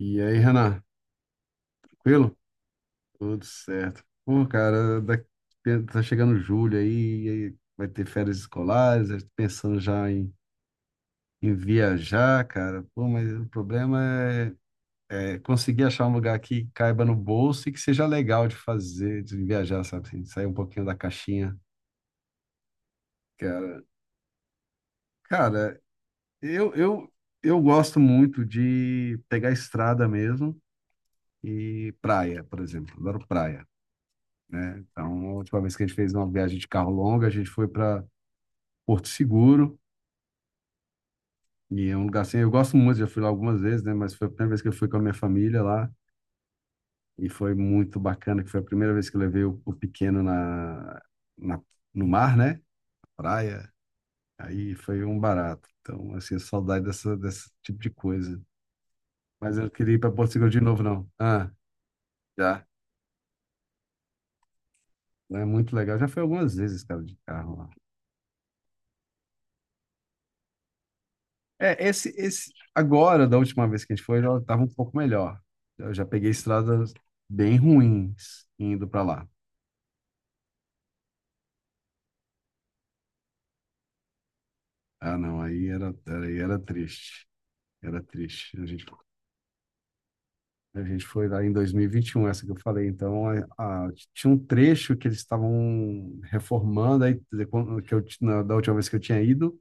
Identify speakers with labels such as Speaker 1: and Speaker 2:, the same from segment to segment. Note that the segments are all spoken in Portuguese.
Speaker 1: E aí, Renan, tranquilo? Tudo certo. Pô, cara, tá chegando julho aí, e aí vai ter férias escolares, eu tô pensando já em viajar, cara. Pô, mas o problema é conseguir achar um lugar que caiba no bolso e que seja legal de fazer, de viajar, sabe? Assim, sair um pouquinho da caixinha, cara. Cara, eu, eu, eu gosto muito de pegar estrada mesmo e praia, por exemplo. Adoro praia, né? Então, a última vez que a gente fez uma viagem de carro longa, a gente foi para Porto Seguro, e é um lugar assim, eu gosto muito, já fui lá algumas vezes, né? Mas foi a primeira vez que eu fui com a minha família lá, e foi muito bacana, que foi a primeira vez que eu levei o pequeno na, no mar, né? Praia, aí foi um barato. Então, assim, saudade dessa, desse tipo de coisa. Mas eu não queria ir para Porto Seguro de novo, não. Ah, já. É muito legal. Já foi algumas vezes, cara, de carro lá. É, agora, da última vez que a gente foi, já estava um pouco melhor. Eu já peguei estradas bem ruins indo para lá. Ah, não, aí era triste. Era triste. A gente foi lá em 2021, essa que eu falei. Então, tinha um trecho que eles estavam reformando, aí, quer dizer, quando- que eu, ti- na- da última vez que eu tinha ido,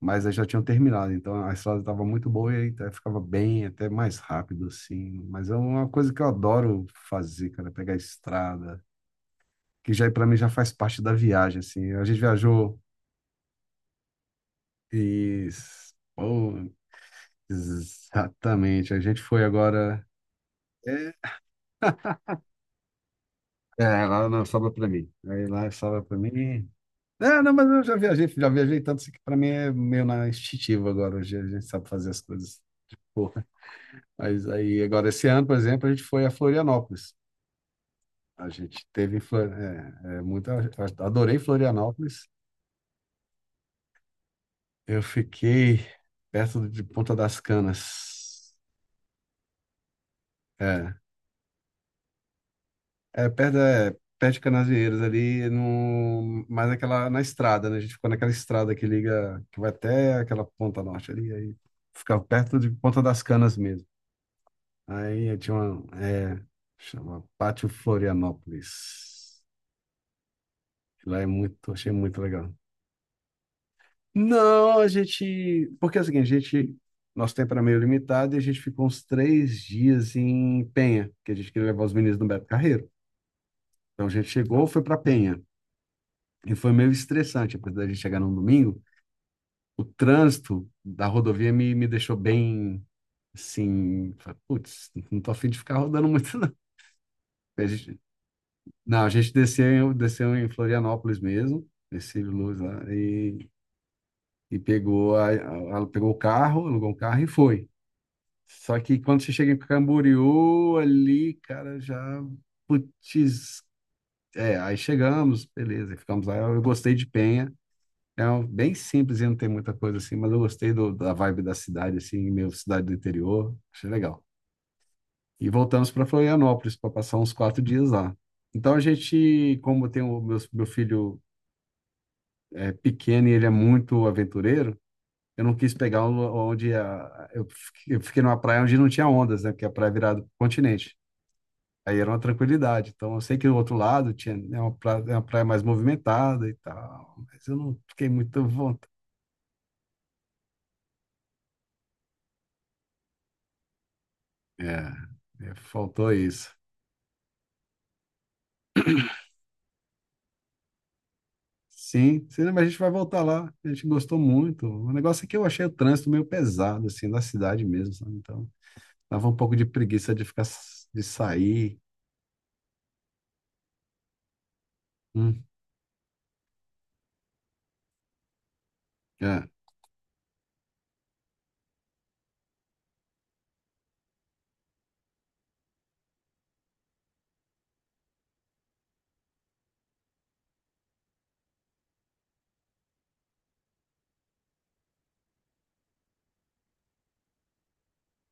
Speaker 1: mas aí já tinham terminado. Então, a estrada estava muito boa e aí, até ficava bem, até mais rápido, assim. Mas é uma coisa que eu adoro fazer, cara, pegar a estrada que já para mim já faz parte da viagem, assim. A gente viajou e pô, exatamente, a gente foi agora é, é, lá não sobra para mim. Aí lá sobra para mim. É, não, mas eu já viajei tanto assim que para mim é meio na instintiva agora, hoje a gente sabe fazer as coisas. Pô, mas aí agora esse ano, por exemplo, a gente foi a Florianópolis. A gente teve em muito, adorei Florianópolis. Eu fiquei perto de Ponta das Canas. É. É, perto de Canasvieiras ali, no, mais aquela, na estrada, né? A gente ficou naquela estrada que liga, que vai até aquela ponta norte ali, aí ficava perto de Ponta das Canas mesmo. Aí tinha uma, é, chama Pátio Florianópolis. Lá é muito, achei muito legal. Não, porque é o seguinte, a gente, nosso tempo era meio limitado e a gente ficou uns três dias em Penha, que a gente queria levar os meninos do Beto Carreiro. Então a gente chegou, foi para Penha. E foi meio estressante, apesar de a gente chegar num domingo, o trânsito da rodovia me deixou bem, assim, falei, putz, não tô a fim de ficar rodando muito, não. A gente, não, desceu em Florianópolis mesmo, Ercílio Luz lá, e pegou, pegou o carro, alugou um carro e foi. Só que quando você chega em Camboriú, ali, cara, já, putz, é, aí chegamos, beleza, ficamos lá, eu gostei de Penha. É um, bem simples e não tem muita coisa assim, mas eu gostei da vibe da cidade, assim, meio cidade do interior, achei legal. E voltamos para Florianópolis para passar uns quatro dias lá. Então a gente, como tem meu filho é pequeno e ele é muito aventureiro, eu não quis pegar um- onde a, eu fiquei numa praia onde não tinha ondas, né? Porque a praia é virada para o continente. Aí era uma tranquilidade. Então eu sei que do outro lado tinha, né, uma praia mais movimentada e tal, mas eu não fiquei muito vontade. É, faltou isso. Sim, sim, mas a gente vai voltar lá. A gente gostou muito. O negócio é que eu achei o trânsito meio pesado, assim, na cidade mesmo, sabe? Então, dava um pouco de preguiça de ficar, de sair. Hum, é,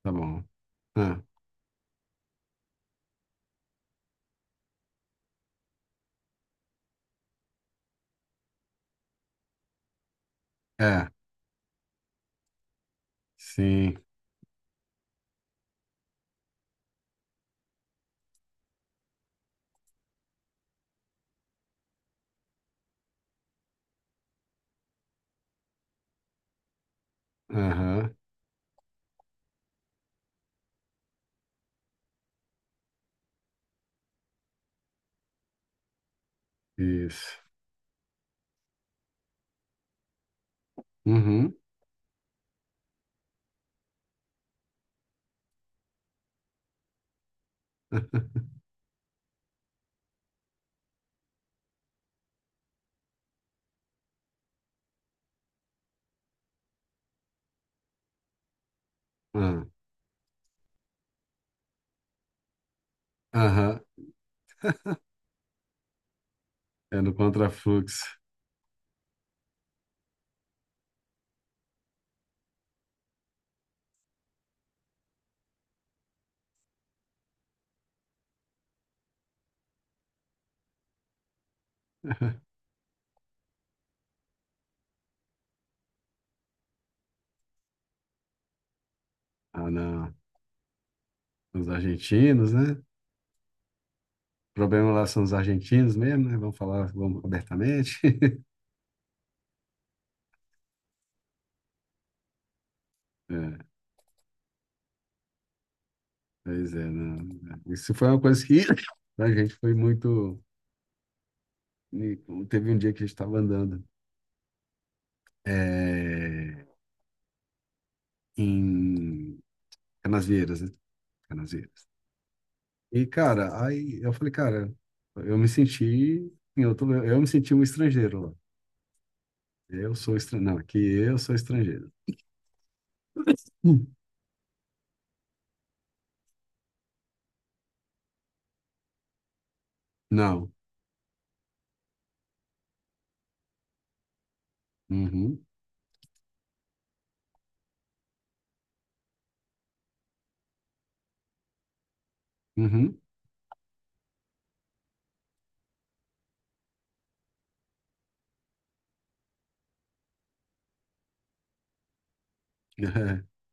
Speaker 1: tá bom. Ah, é, sim, aham, isso. Uhum, ah, aham, é no contrafluxo. Ah, não, os argentinos, né? O problema lá são os argentinos mesmo, né? Vamos falar, vamos abertamente. Pois é, não. Isso foi uma coisa que a gente foi muito. e Teve um dia que a gente estava andando é, em Canasvieiras, né? Canasvieiras. E, cara, aí eu falei, cara, eu me senti. Eu me senti um estrangeiro lá. Eu sou estrangeiro. Não, aqui eu sou estrangeiro. Hum. Não. Uhum. Uhum.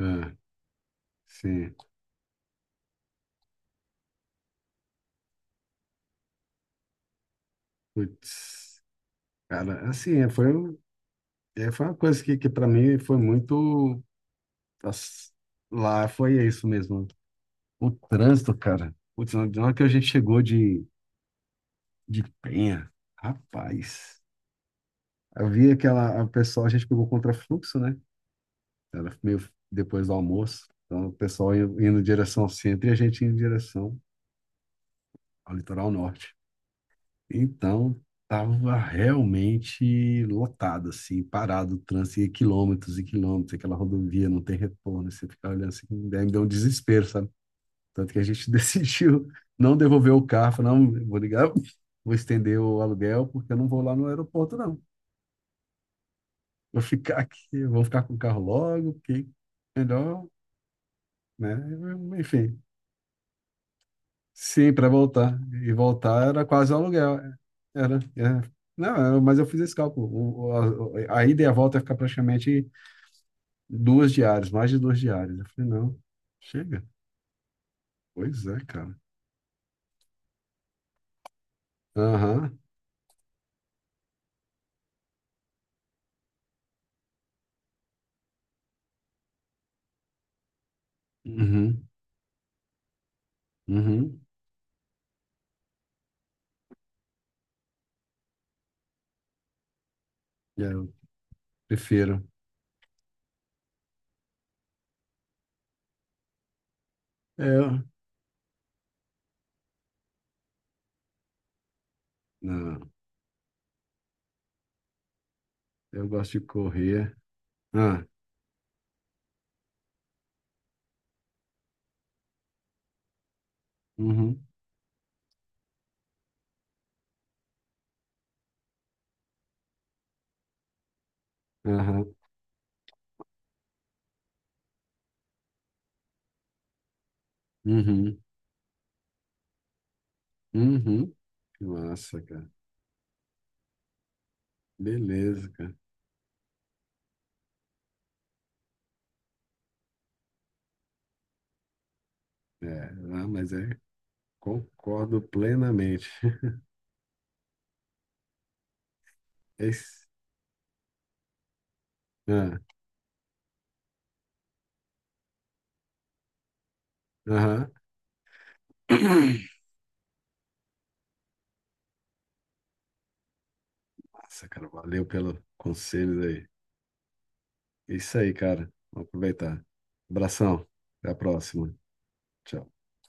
Speaker 1: É, é, sim. Putz. Cara, assim, foi uma coisa que para mim foi muito. Nossa, lá foi isso mesmo. O trânsito, cara. Putz, na hora que a gente chegou de Penha, rapaz. Havia aquela. A pessoa, a gente pegou contrafluxo, né? Era meio depois do almoço. Então, indo em direção ao centro e a gente indo em direção ao litoral norte. Então, tava realmente lotado, assim, parado o trânsito, e quilômetros, aquela rodovia, não tem retorno. Você fica olhando assim, daí me deu um desespero, sabe? Tanto que a gente decidiu não devolver o carro. Falei, não, vou ligar, vou estender o aluguel, porque eu não vou lá no aeroporto, não. Vou ficar aqui, vou ficar com o carro logo, porque melhor, né? Enfim, sim, para voltar. E voltar era quase o aluguel. Era, era. Não, era- mas eu fiz esse cálculo. A ida e a volta ia ficar praticamente duas diárias, mais de duas diárias. Eu falei, não, chega. Pois é, cara. Aham. Uhum. Uhum. É, eu prefiro. É, não, eu gosto de correr. Ah, uhum, aham, uhum, uhum. Nossa, cara. Beleza, cara. É, ah, mas é, concordo plenamente. Esse, ah, aham. Nossa, cara, valeu pelo conselho aí. É isso aí, cara. Vamos aproveitar. Abração. Até a próxima. Tchau.